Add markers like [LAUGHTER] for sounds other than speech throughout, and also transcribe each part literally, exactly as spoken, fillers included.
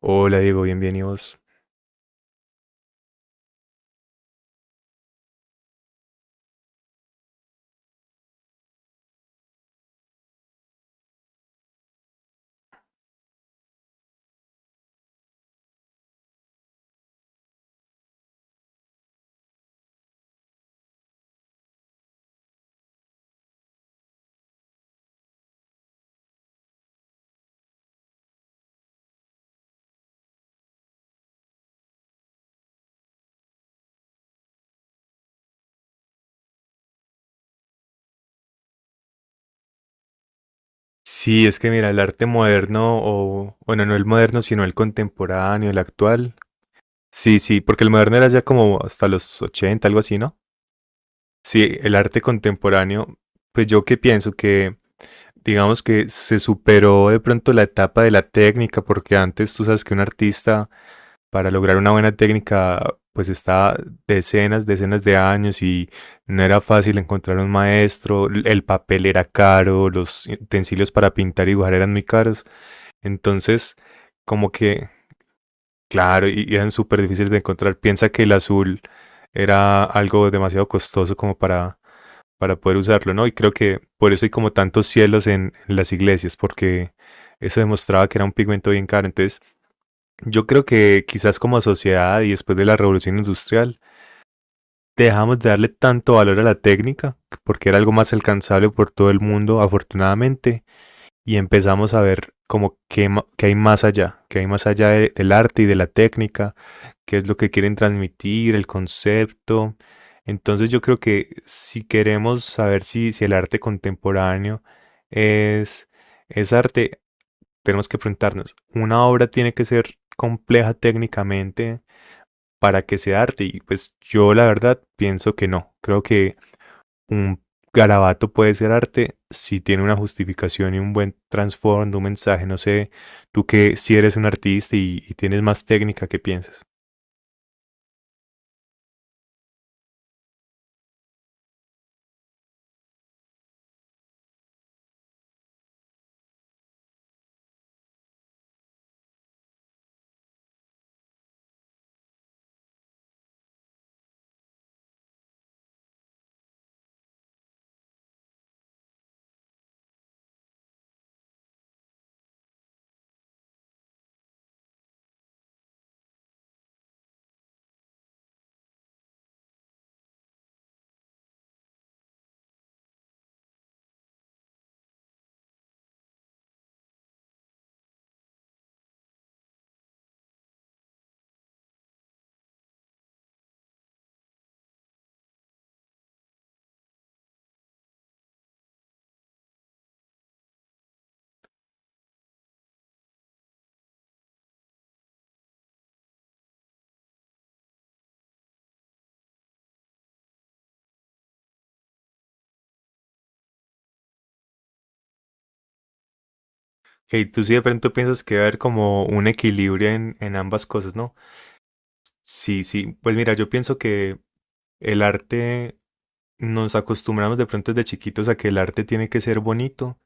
Hola Diego, bienvenidos. Sí, es que mira, el arte moderno, o bueno, no el moderno, sino el contemporáneo, el actual. Sí, sí, porque el moderno era ya como hasta los ochenta, algo así, ¿no? Sí, el arte contemporáneo, pues yo que pienso que, digamos que se superó de pronto la etapa de la técnica, porque antes tú sabes que un artista para lograr una buena técnica, pues está decenas, decenas de años y no era fácil encontrar un maestro, l- el papel era caro, los utensilios para pintar y dibujar eran muy caros, entonces como que, claro, y y eran súper difíciles de encontrar. Piensa que el azul era algo demasiado costoso como para, para poder usarlo, ¿no? Y creo que por eso hay como tantos cielos en, en las iglesias, porque eso demostraba que era un pigmento bien caro. Entonces, yo creo que quizás como sociedad y después de la revolución industrial, dejamos de darle tanto valor a la técnica, porque era algo más alcanzable por todo el mundo, afortunadamente, y empezamos a ver como que, ma- que hay más allá, que hay más allá de- del arte y de la técnica, qué es lo que quieren transmitir, el concepto. Entonces yo creo que si queremos saber si, si el arte contemporáneo es, es arte, tenemos que preguntarnos, ¿una obra tiene que ser compleja técnicamente para que sea arte? Y pues yo la verdad pienso que no. Creo que un garabato puede ser arte si tiene una justificación y un buen trasfondo, un mensaje. No sé, tú que si eres un artista y, y tienes más técnica, ¿qué piensas? Hey, tú sí de pronto piensas que va a haber como un equilibrio en, en ambas cosas, ¿no? Sí, sí. Pues mira, yo pienso que el arte nos acostumbramos de pronto desde chiquitos a que el arte tiene que ser bonito.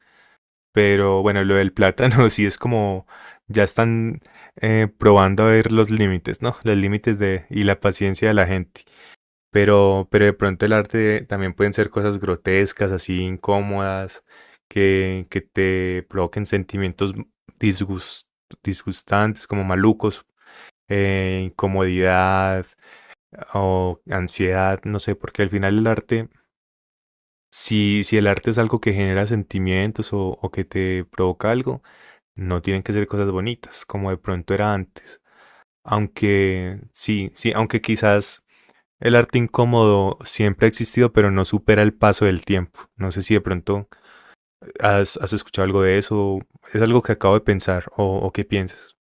Pero bueno, lo del plátano [LAUGHS] sí es como ya están eh, probando a ver los límites, ¿no? Los límites de y la paciencia de la gente. Pero, pero de pronto el arte también pueden ser cosas grotescas, así incómodas, que, que te provoquen sentimientos disgust- disgustantes, como malucos, eh, incomodidad o ansiedad, no sé, porque al final el arte si, si el arte es algo que genera sentimientos o, o que te provoca algo, no tienen que ser cosas bonitas, como de pronto era antes. Aunque sí, sí, aunque quizás el arte incómodo siempre ha existido, pero no supera el paso del tiempo. No sé si de pronto has, has escuchado algo de eso, es algo que acabo de pensar o, o qué piensas.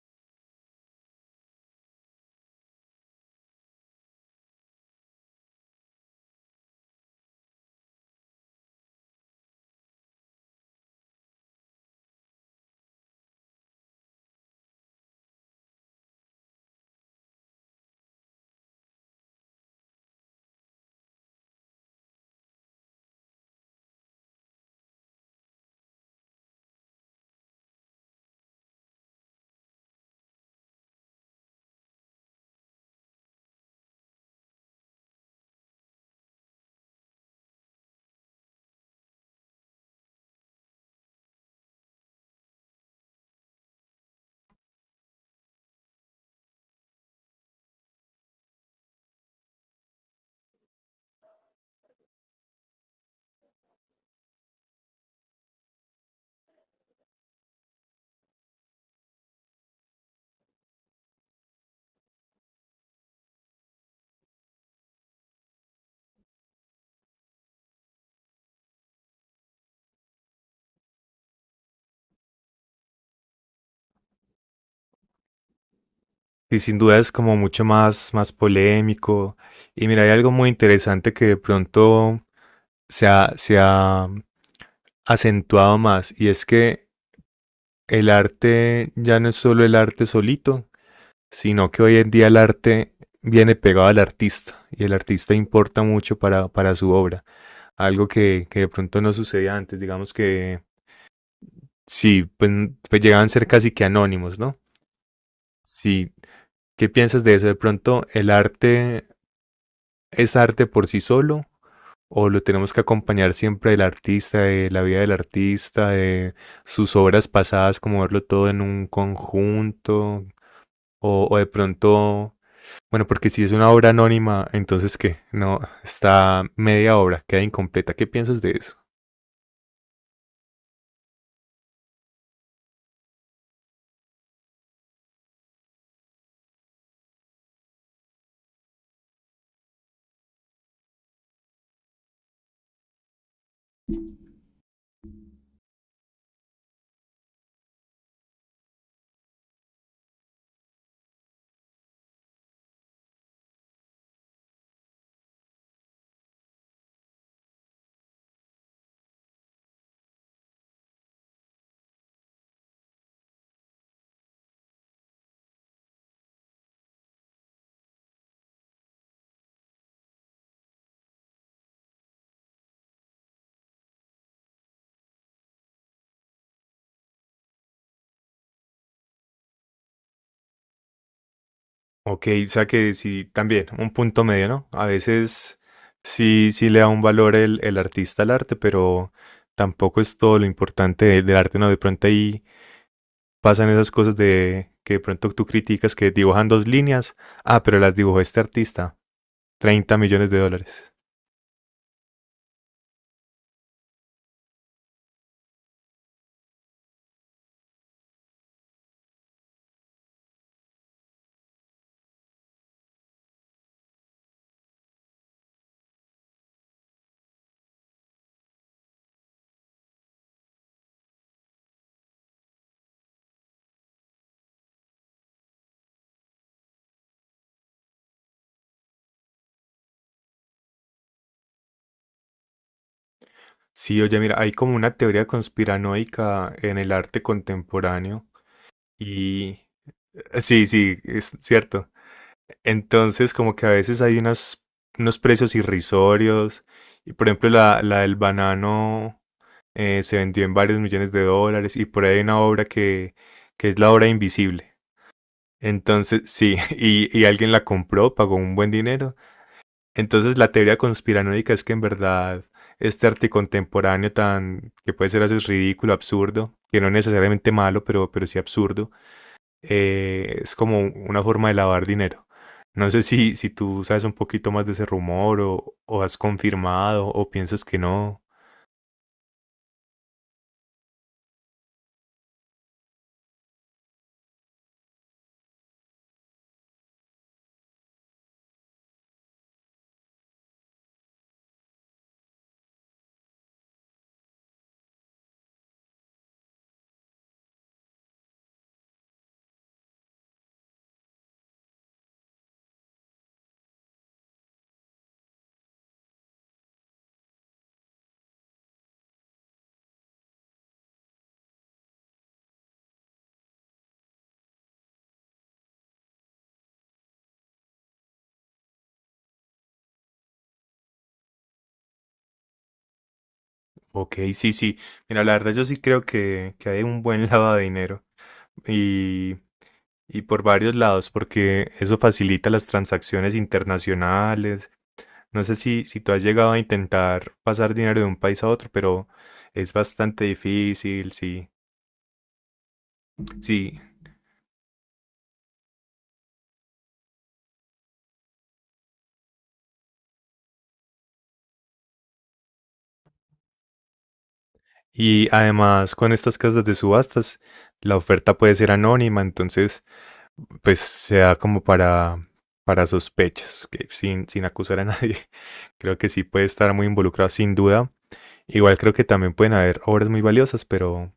Y sin duda es como mucho más, más polémico. Y mira, hay algo muy interesante que de pronto se ha, se ha acentuado más y es que el arte ya no es solo el arte solito, sino que hoy en día el arte viene pegado al artista y el artista importa mucho para, para su obra. Algo que, que de pronto no sucedía antes, digamos que sí, pues, pues llegaban a ser casi que anónimos, ¿no? Sí, ¿qué piensas de eso? De pronto, ¿el arte es arte por sí solo o lo tenemos que acompañar siempre del artista, de la vida del artista, de sus obras pasadas, como verlo todo en un conjunto? O, o de pronto, bueno, porque si es una obra anónima, entonces ¿qué? No, está media obra, queda incompleta. ¿Qué piensas de eso? Ok, o sea que sí, también, un punto medio, ¿no? A veces sí, sí le da un valor el, el artista al arte, pero tampoco es todo lo importante de- del arte, ¿no? De pronto ahí pasan esas cosas de que de pronto tú criticas que dibujan dos líneas, ah, pero las dibujó este artista, treinta millones de dólares. Sí, oye, mira, hay como una teoría conspiranoica en el arte contemporáneo y eh, sí, sí, es cierto. Entonces, como que a veces hay unas, unos precios irrisorios y por ejemplo la, la del banano eh, se vendió en varios millones de dólares y por ahí hay una obra que, que es la obra invisible. Entonces, sí, [LAUGHS] y, y alguien la compró, pagó un buen dinero, entonces la teoría conspiranoica es que en verdad este arte contemporáneo tan que puede ser a veces ridículo, absurdo, que no es necesariamente malo, pero, pero sí absurdo, eh, es como una forma de lavar dinero. No sé si, si tú sabes un poquito más de ese rumor o, o has confirmado o piensas que no. Ok, sí, sí. Mira, la verdad yo sí creo que, que hay un buen [LAUGHS] lavado de dinero y, y por varios lados, porque eso facilita las transacciones internacionales. No sé si, si tú has llegado a intentar pasar dinero de un país a otro, pero es bastante difícil, sí, sí. Y además con estas casas de subastas, la oferta puede ser anónima, entonces pues se da como para, para sospechas, que sin, sin acusar a nadie. [LAUGHS] Creo que sí puede estar muy involucrado, sin duda. Igual creo que también pueden haber obras muy valiosas, pero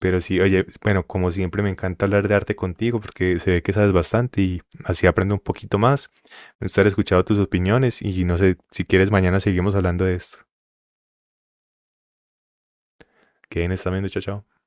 Pero sí, oye, bueno, como siempre me encanta hablar de arte contigo porque se ve que sabes bastante y así aprendo un poquito más. Me gustaría escuchar tus opiniones y no sé si quieres mañana seguimos hablando de esto. Que en esta chao, chao.